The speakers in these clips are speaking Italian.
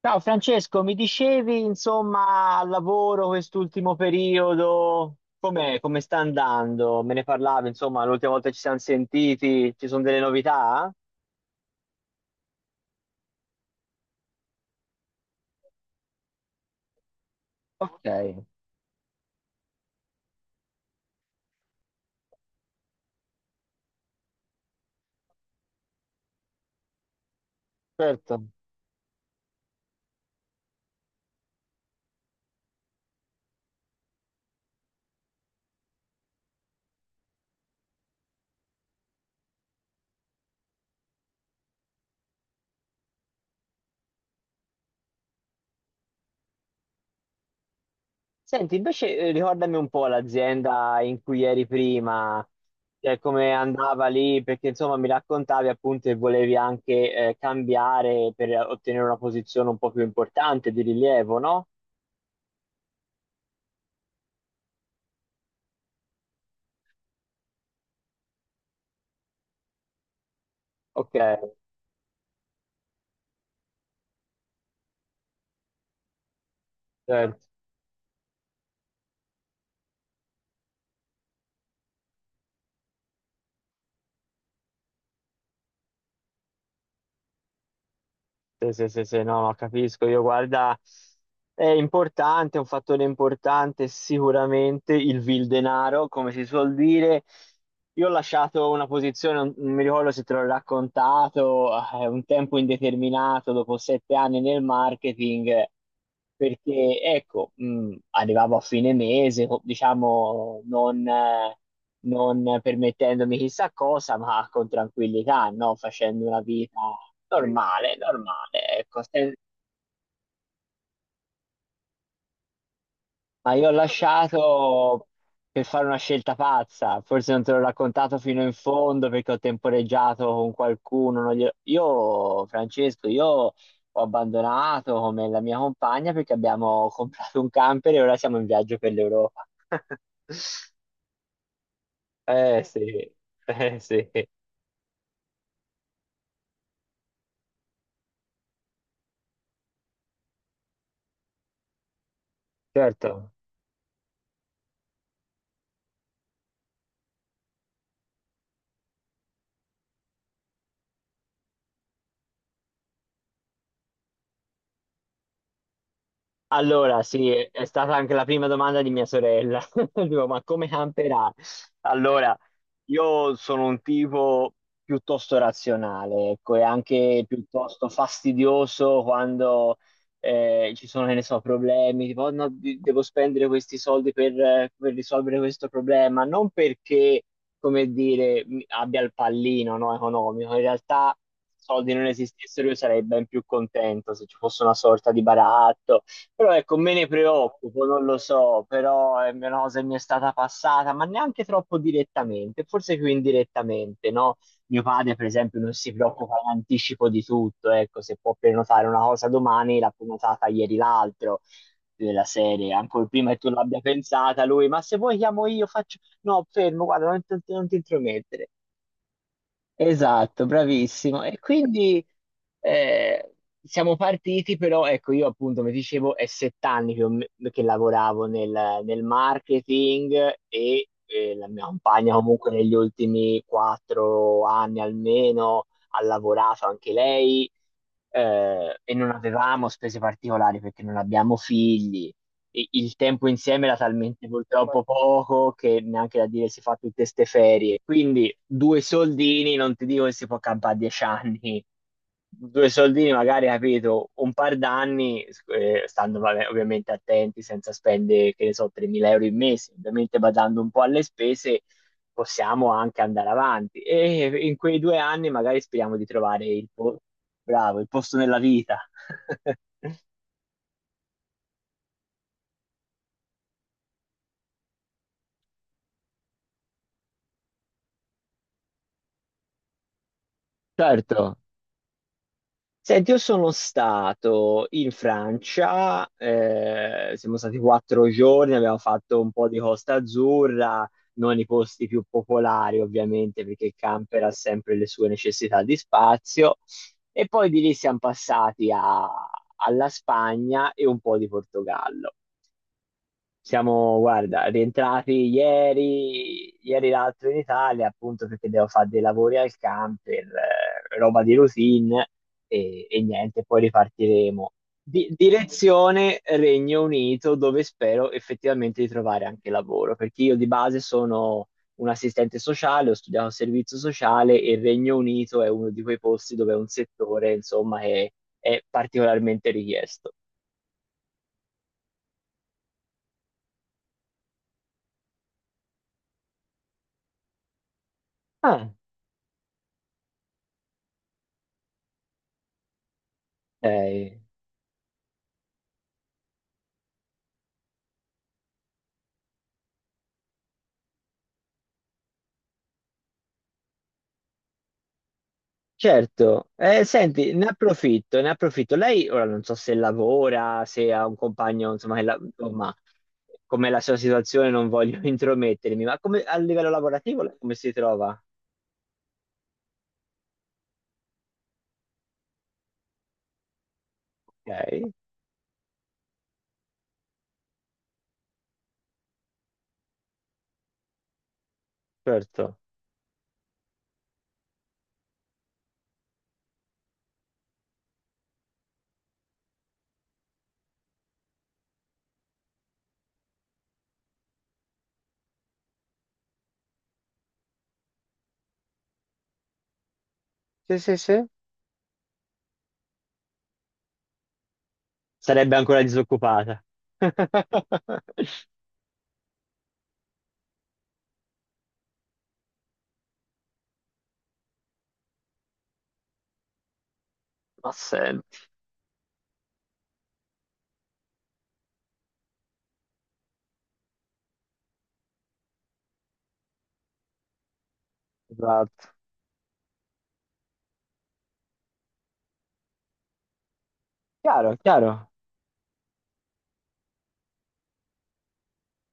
Ciao Francesco, mi dicevi insomma al lavoro quest'ultimo periodo, com'è, come sta andando? Me ne parlavi insomma l'ultima volta che ci siamo sentiti, ci sono delle novità? Ok, certo. Senti, invece ricordami un po' l'azienda in cui eri prima, cioè come andava lì, perché insomma mi raccontavi appunto che volevi anche cambiare per ottenere una posizione un po' più importante di rilievo, no? Ok, certo. Sì, sì, sì, sì, no, no, capisco. Io guarda, è importante, è un fattore importante sicuramente il vil denaro, come si suol dire. Io ho lasciato una posizione, non mi ricordo se te l'ho raccontato, un tempo indeterminato, dopo 7 anni nel marketing perché ecco, arrivavo a fine mese, diciamo, non permettendomi chissà cosa, ma con tranquillità, no? Facendo una vita normale, normale, ecco, Ma io ho lasciato per fare una scelta pazza, forse non te l'ho raccontato fino in fondo perché ho temporeggiato con qualcuno. Non glielo- Io, Francesco, io ho abbandonato come la mia compagna perché abbiamo comprato un camper e ora siamo in viaggio per l'Europa. Eh sì, eh sì, certo. Allora, sì, è stata anche la prima domanda di mia sorella. Dico, ma come camperà? Allora, io sono un tipo piuttosto razionale, ecco, e anche piuttosto fastidioso quando ci sono, che ne so, problemi, tipo, "Oh, no, devo spendere questi soldi per risolvere questo problema, non perché, come dire, abbia il pallino, no, economico, in realtà se i soldi non esistessero io sarei ben più contento se ci fosse una sorta di baratto. Però ecco, me ne preoccupo, non lo so, però è una cosa che mi è stata passata, ma neanche troppo direttamente, forse più indirettamente, no? Mio padre, per esempio, non si preoccupa in anticipo di tutto, ecco, se può prenotare una cosa domani, l'ha prenotata ieri l'altro, della serie, ancora prima che tu l'abbia pensata lui, ma se vuoi chiamo io, faccio... No, fermo, guarda, non, non ti intromettere. Esatto, bravissimo. E quindi eh, siamo partiti, però ecco, io appunto, come dicevo, è 7 anni che, che lavoravo nel marketing e la mia compagna comunque negli ultimi 4 anni almeno ha lavorato anche lei, e non avevamo spese particolari perché non abbiamo figli. Il tempo insieme era talmente purtroppo poco che neanche da dire si fa tutte queste ferie. Quindi due soldini, non ti dico che si può campare 10 anni, due soldini magari, capito, un par d'anni, stando vabbè, ovviamente attenti, senza spendere, che ne so, 3.000 euro in mese, ovviamente badando un po' alle spese, possiamo anche andare avanti. E in quei 2 anni magari speriamo di trovare il bravo, il posto nella vita. Certo, senti, io sono stato in Francia, siamo stati 4 giorni, abbiamo fatto un po' di Costa Azzurra, non i posti più popolari ovviamente perché il camper ha sempre le sue necessità di spazio e poi di lì siamo alla Spagna e un po' di Portogallo. Siamo, guarda, rientrati ieri, ieri l'altro in Italia, appunto perché devo fare dei lavori al camper, roba di routine e niente, poi ripartiremo. Direzione Regno Unito, dove spero effettivamente di trovare anche lavoro, perché io di base sono un assistente sociale, ho studiato servizio sociale e il Regno Unito è uno di quei posti dove è un settore, insomma, che è particolarmente richiesto. Ah, eh, certo, senti, ne approfitto, ne approfitto. Lei ora non so se lavora, se ha un compagno, insomma, insomma, com'è la sua situazione, non voglio intromettermi, ma come, a livello lavorativo lei come si trova? Ok, certo. Sì, sì, sì. Sarebbe ancora disoccupata. Ma senti, esatto. Chiaro, chiaro.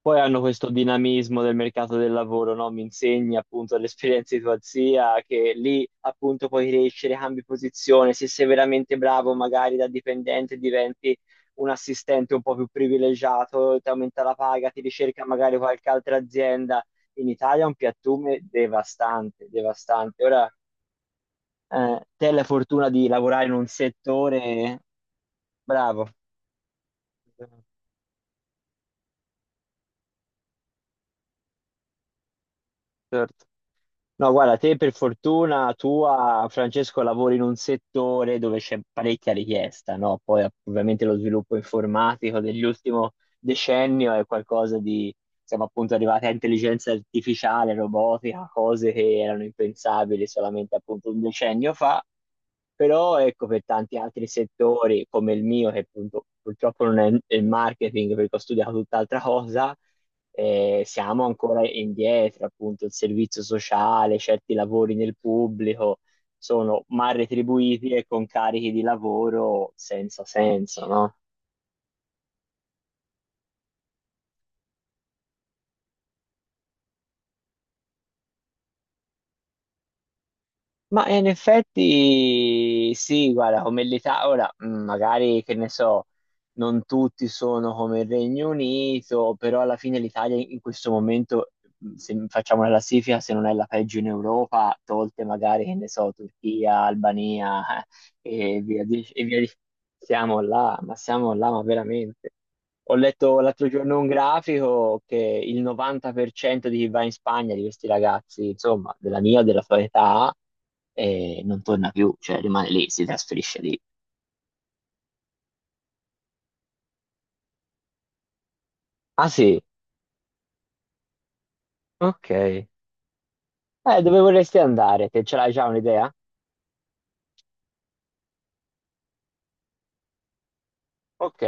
Poi hanno questo dinamismo del mercato del lavoro, no? Mi insegni appunto l'esperienza di tua zia, che lì appunto puoi crescere, cambi posizione, se sei veramente bravo magari da dipendente diventi un assistente un po' più privilegiato, ti aumenta la paga, ti ricerca magari qualche altra azienda. In Italia è un piattume devastante, devastante. Ora, te hai la fortuna di lavorare in un settore bravo. Certo. No, guarda, te per fortuna tua, Francesco, lavori in un settore dove c'è parecchia richiesta, no? Poi ovviamente lo sviluppo informatico dell'ultimo decennio è qualcosa di, siamo appunto arrivati a intelligenza artificiale, robotica, cose che erano impensabili solamente appunto un decennio fa, però ecco per tanti altri settori come il mio, che appunto purtroppo non è il marketing perché ho studiato tutt'altra cosa, siamo ancora indietro, appunto, il servizio sociale, certi lavori nel pubblico sono mal retribuiti e con carichi di lavoro senza senso, no? Ma in effetti sì, guarda, come l'Italia, ora magari che ne so, non tutti sono come il Regno Unito, però alla fine l'Italia in questo momento, se facciamo una classifica, se non è la peggio in Europa, tolte magari, che ne so, Turchia, Albania, e via siamo là, ma siamo là, ma veramente. Ho letto l'altro giorno un grafico che il 90% di chi va in Spagna, di questi ragazzi, insomma, della mia, della tua età, e non torna più, cioè rimane lì, si trasferisce lì. Ah sì, ok. Dove vorresti andare? Te ce l'hai già un'idea? Ok,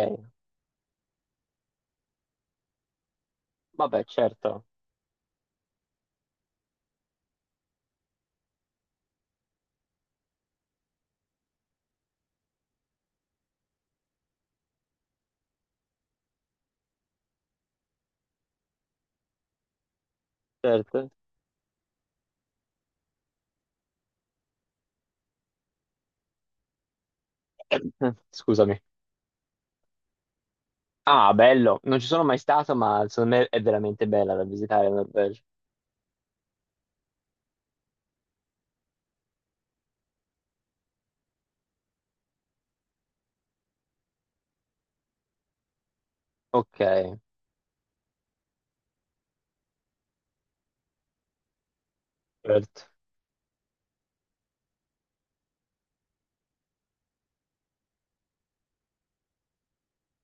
vabbè, certo, certo. Scusami. Ah, bello, non ci sono mai stato, ma secondo me è veramente bella da visitare la Norvegia. Ok, certo,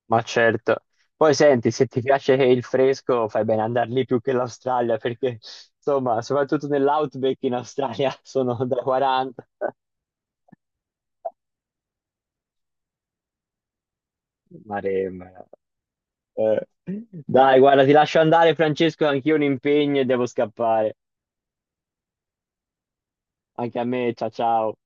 ma certo. Poi senti, se ti piace il fresco, fai bene ad andare lì più che l'Australia, perché insomma, soprattutto nell'outback in Australia sono da 40. Maremma. Eh, Dai, guarda, ti lascio andare, Francesco, anch'io ho un impegno e devo scappare. Anche a me, ciao ciao.